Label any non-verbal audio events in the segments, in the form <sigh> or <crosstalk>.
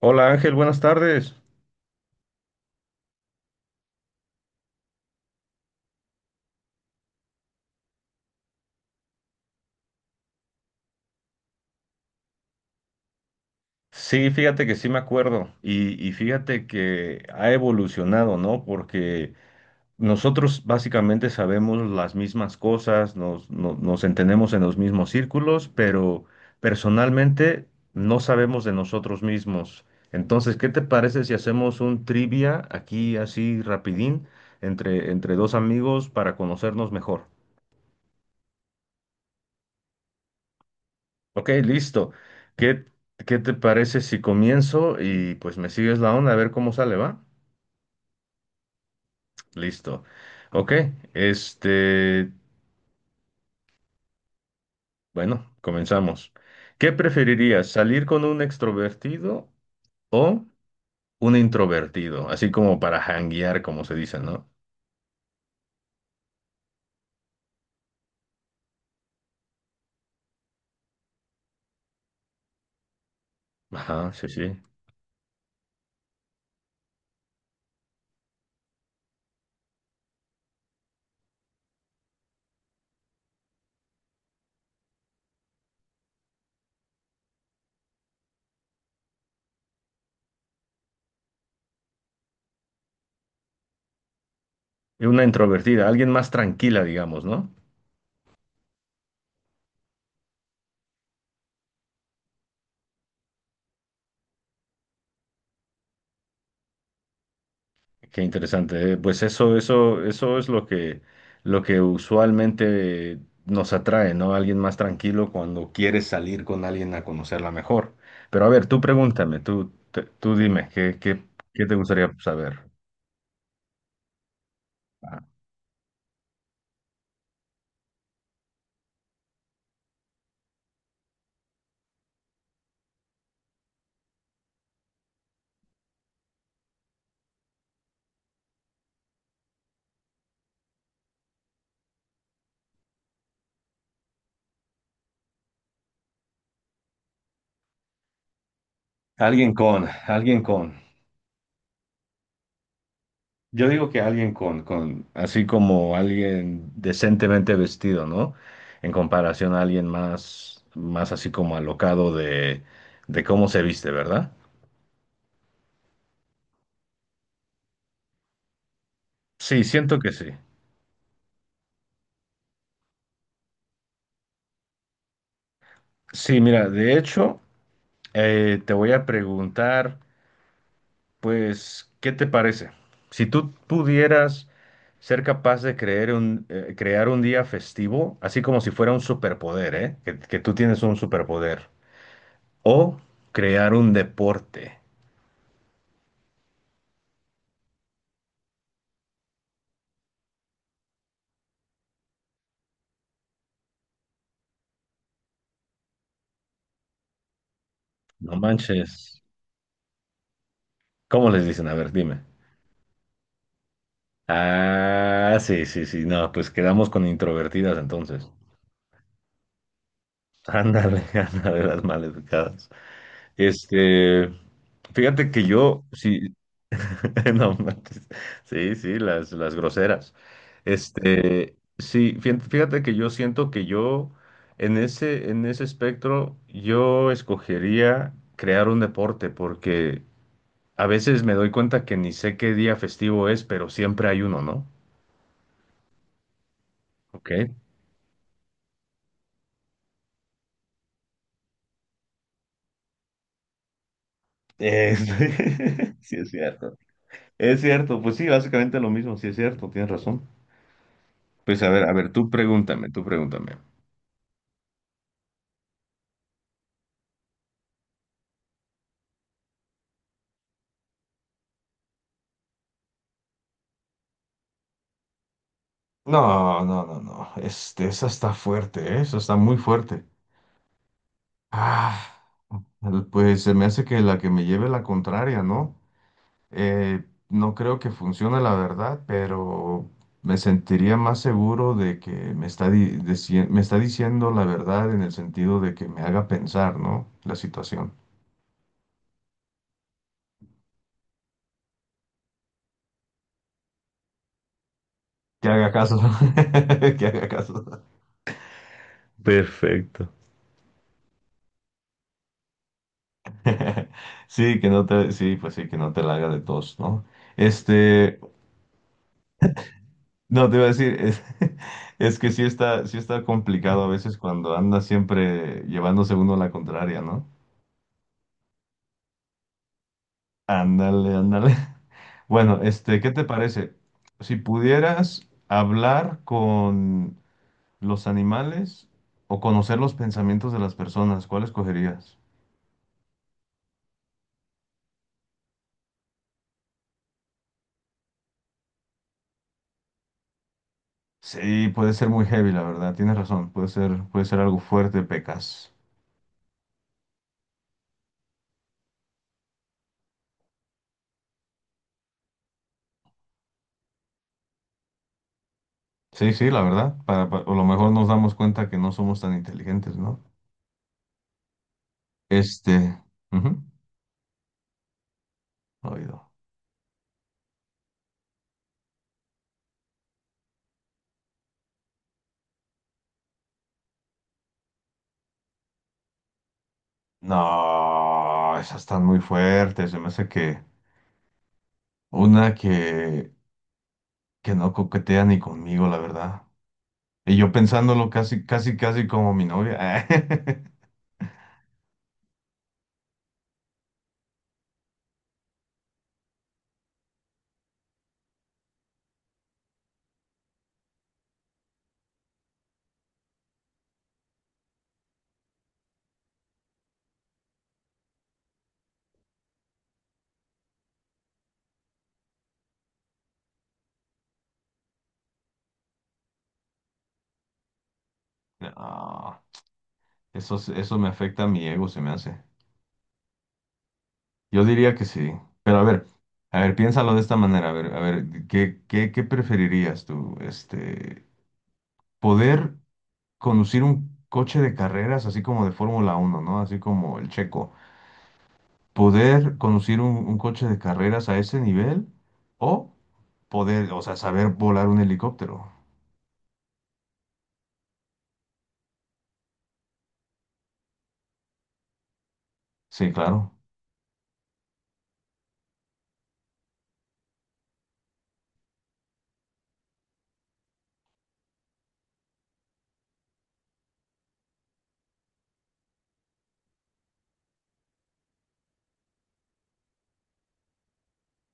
Hola Ángel, buenas tardes. Sí, fíjate que sí me acuerdo y fíjate que ha evolucionado, ¿no? Porque nosotros básicamente sabemos las mismas cosas, nos, no- nos entendemos en los mismos círculos, pero personalmente no sabemos de nosotros mismos. Entonces, ¿qué te parece si hacemos un trivia aquí así rapidín entre dos amigos para conocernos mejor? Ok, listo. ¿Qué, qué te parece si comienzo y pues me sigues la onda a ver cómo sale, va? Listo. Ok, este, bueno, comenzamos. ¿Qué preferirías, salir con un extrovertido o un introvertido? Así como para janguear, como se dice, ¿no? Ajá, sí, sí. Y una introvertida, alguien más tranquila, digamos, ¿no? Qué interesante. Pues eso es lo que usualmente nos atrae, ¿no? Alguien más tranquilo cuando quieres salir con alguien a conocerla mejor. Pero a ver, tú pregúntame, tú dime, ¿qué te gustaría saber? Ah, Alguien con. Yo digo que así como alguien decentemente vestido, ¿no? En comparación a alguien más, más así como alocado de cómo se viste, ¿verdad? Sí, siento que sí. Sí, mira, de hecho, te voy a preguntar, pues, ¿qué te parece? Si tú pudieras ser capaz de crear un día festivo, así como si fuera un superpoder, ¿eh? Que tú tienes un superpoder. O crear un deporte. No manches. ¿Cómo les dicen? A ver, dime. Ah, sí, sí, sí. No, pues quedamos con introvertidas entonces. Ándale, <laughs> ándale, las maleducadas. Este, fíjate que yo, si, <laughs> No, manches. Sí, sí, las groseras. Sí, fíjate que yo siento que yo en ese espectro, yo escogería crear un deporte, porque a veces me doy cuenta que ni sé qué día festivo es, pero siempre hay uno, ¿no? Ok. Eh, <laughs> sí, es cierto. Es cierto, pues sí, básicamente lo mismo, sí es cierto, tienes razón. Pues a ver, tú pregúntame, tú pregúntame. No, no, no, no. Esa está fuerte, ¿eh? Esa está muy fuerte. Ah, pues se me hace que la que me lleve la contraria, ¿no? Eh, no creo que funcione la verdad, pero me sentiría más seguro de que me está diciendo la verdad en el sentido de que me haga pensar, ¿no? La situación. Que haga caso. <laughs> Que haga caso. <laughs> Perfecto. Sí, que no te, sí, pues sí, que no te la haga de tos, ¿no? Este. No, te iba a decir, es, <laughs> es que sí está complicado a veces cuando anda siempre llevándose uno la contraria, ¿no? Ándale, ándale. <laughs> Bueno, ¿qué te parece? Si pudieras hablar con los animales o conocer los pensamientos de las personas, ¿cuál escogerías? Sí, puede ser muy heavy, la verdad, tienes razón, puede ser algo fuerte, pecas. Sí, sí, la verdad, a lo mejor nos damos cuenta que no somos tan inteligentes, ¿no? Este, ujú. Oído. No, esas están muy fuertes. Se me hace que una que no coquetea ni conmigo, la verdad. Y yo pensándolo casi, casi, casi como mi novia. <laughs> No, eso me afecta a mi ego, se me hace. Yo diría que sí. Pero a ver, piénsalo de esta manera. A ver, ¿qué preferirías tú? Poder conducir un coche de carreras así como de Fórmula uno, ¿no? Así como el Checo. Poder conducir un coche de carreras a ese nivel o poder, o sea, saber volar un helicóptero. Sí, claro.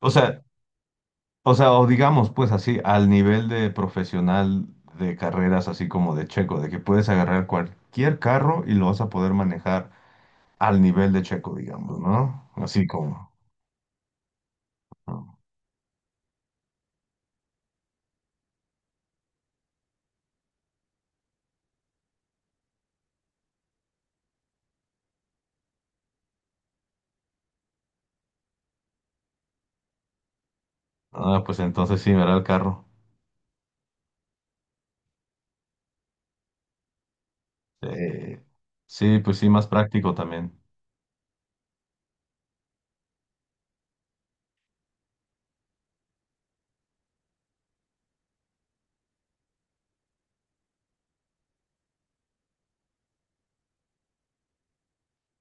O sea, o digamos, pues así, al nivel de profesional de carreras, así como de Checo, de que puedes agarrar cualquier carro y lo vas a poder manejar al nivel de Checo, digamos, ¿no? Así como. ¿No? Ah, pues entonces sí, verá el carro. Eh, sí, pues sí, más práctico también.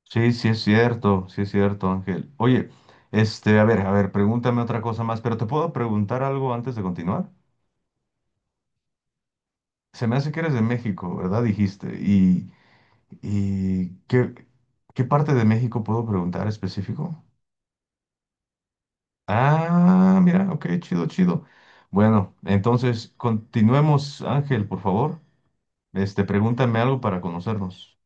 Sí, sí es cierto, Ángel. Oye, a ver, pregúntame otra cosa más, pero ¿te puedo preguntar algo antes de continuar? Se me hace que eres de México, ¿verdad? Dijiste. Y qué, ¿qué parte de México puedo preguntar específico? Ah, mira, ok, chido, chido. Bueno, entonces continuemos, Ángel, por favor. Pregúntame algo para conocernos.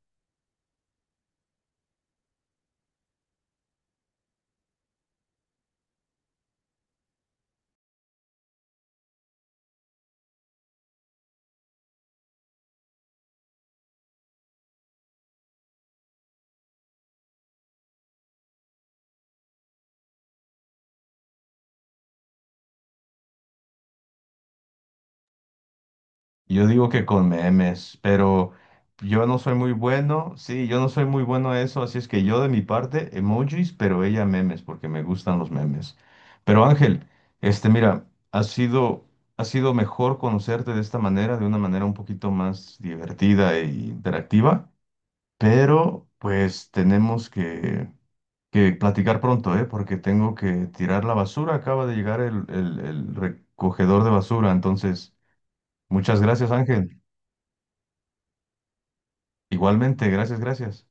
Yo digo que con memes, pero yo no soy muy bueno, sí, yo no soy muy bueno a eso, así es que yo de mi parte, emojis, pero ella memes, porque me gustan los memes. Pero Ángel, mira, ha sido mejor conocerte de esta manera, de una manera un poquito más divertida e interactiva, pero pues tenemos que platicar pronto, ¿eh? Porque tengo que tirar la basura, acaba de llegar el recogedor de basura, entonces, muchas gracias, Ángel. Igualmente, gracias, gracias.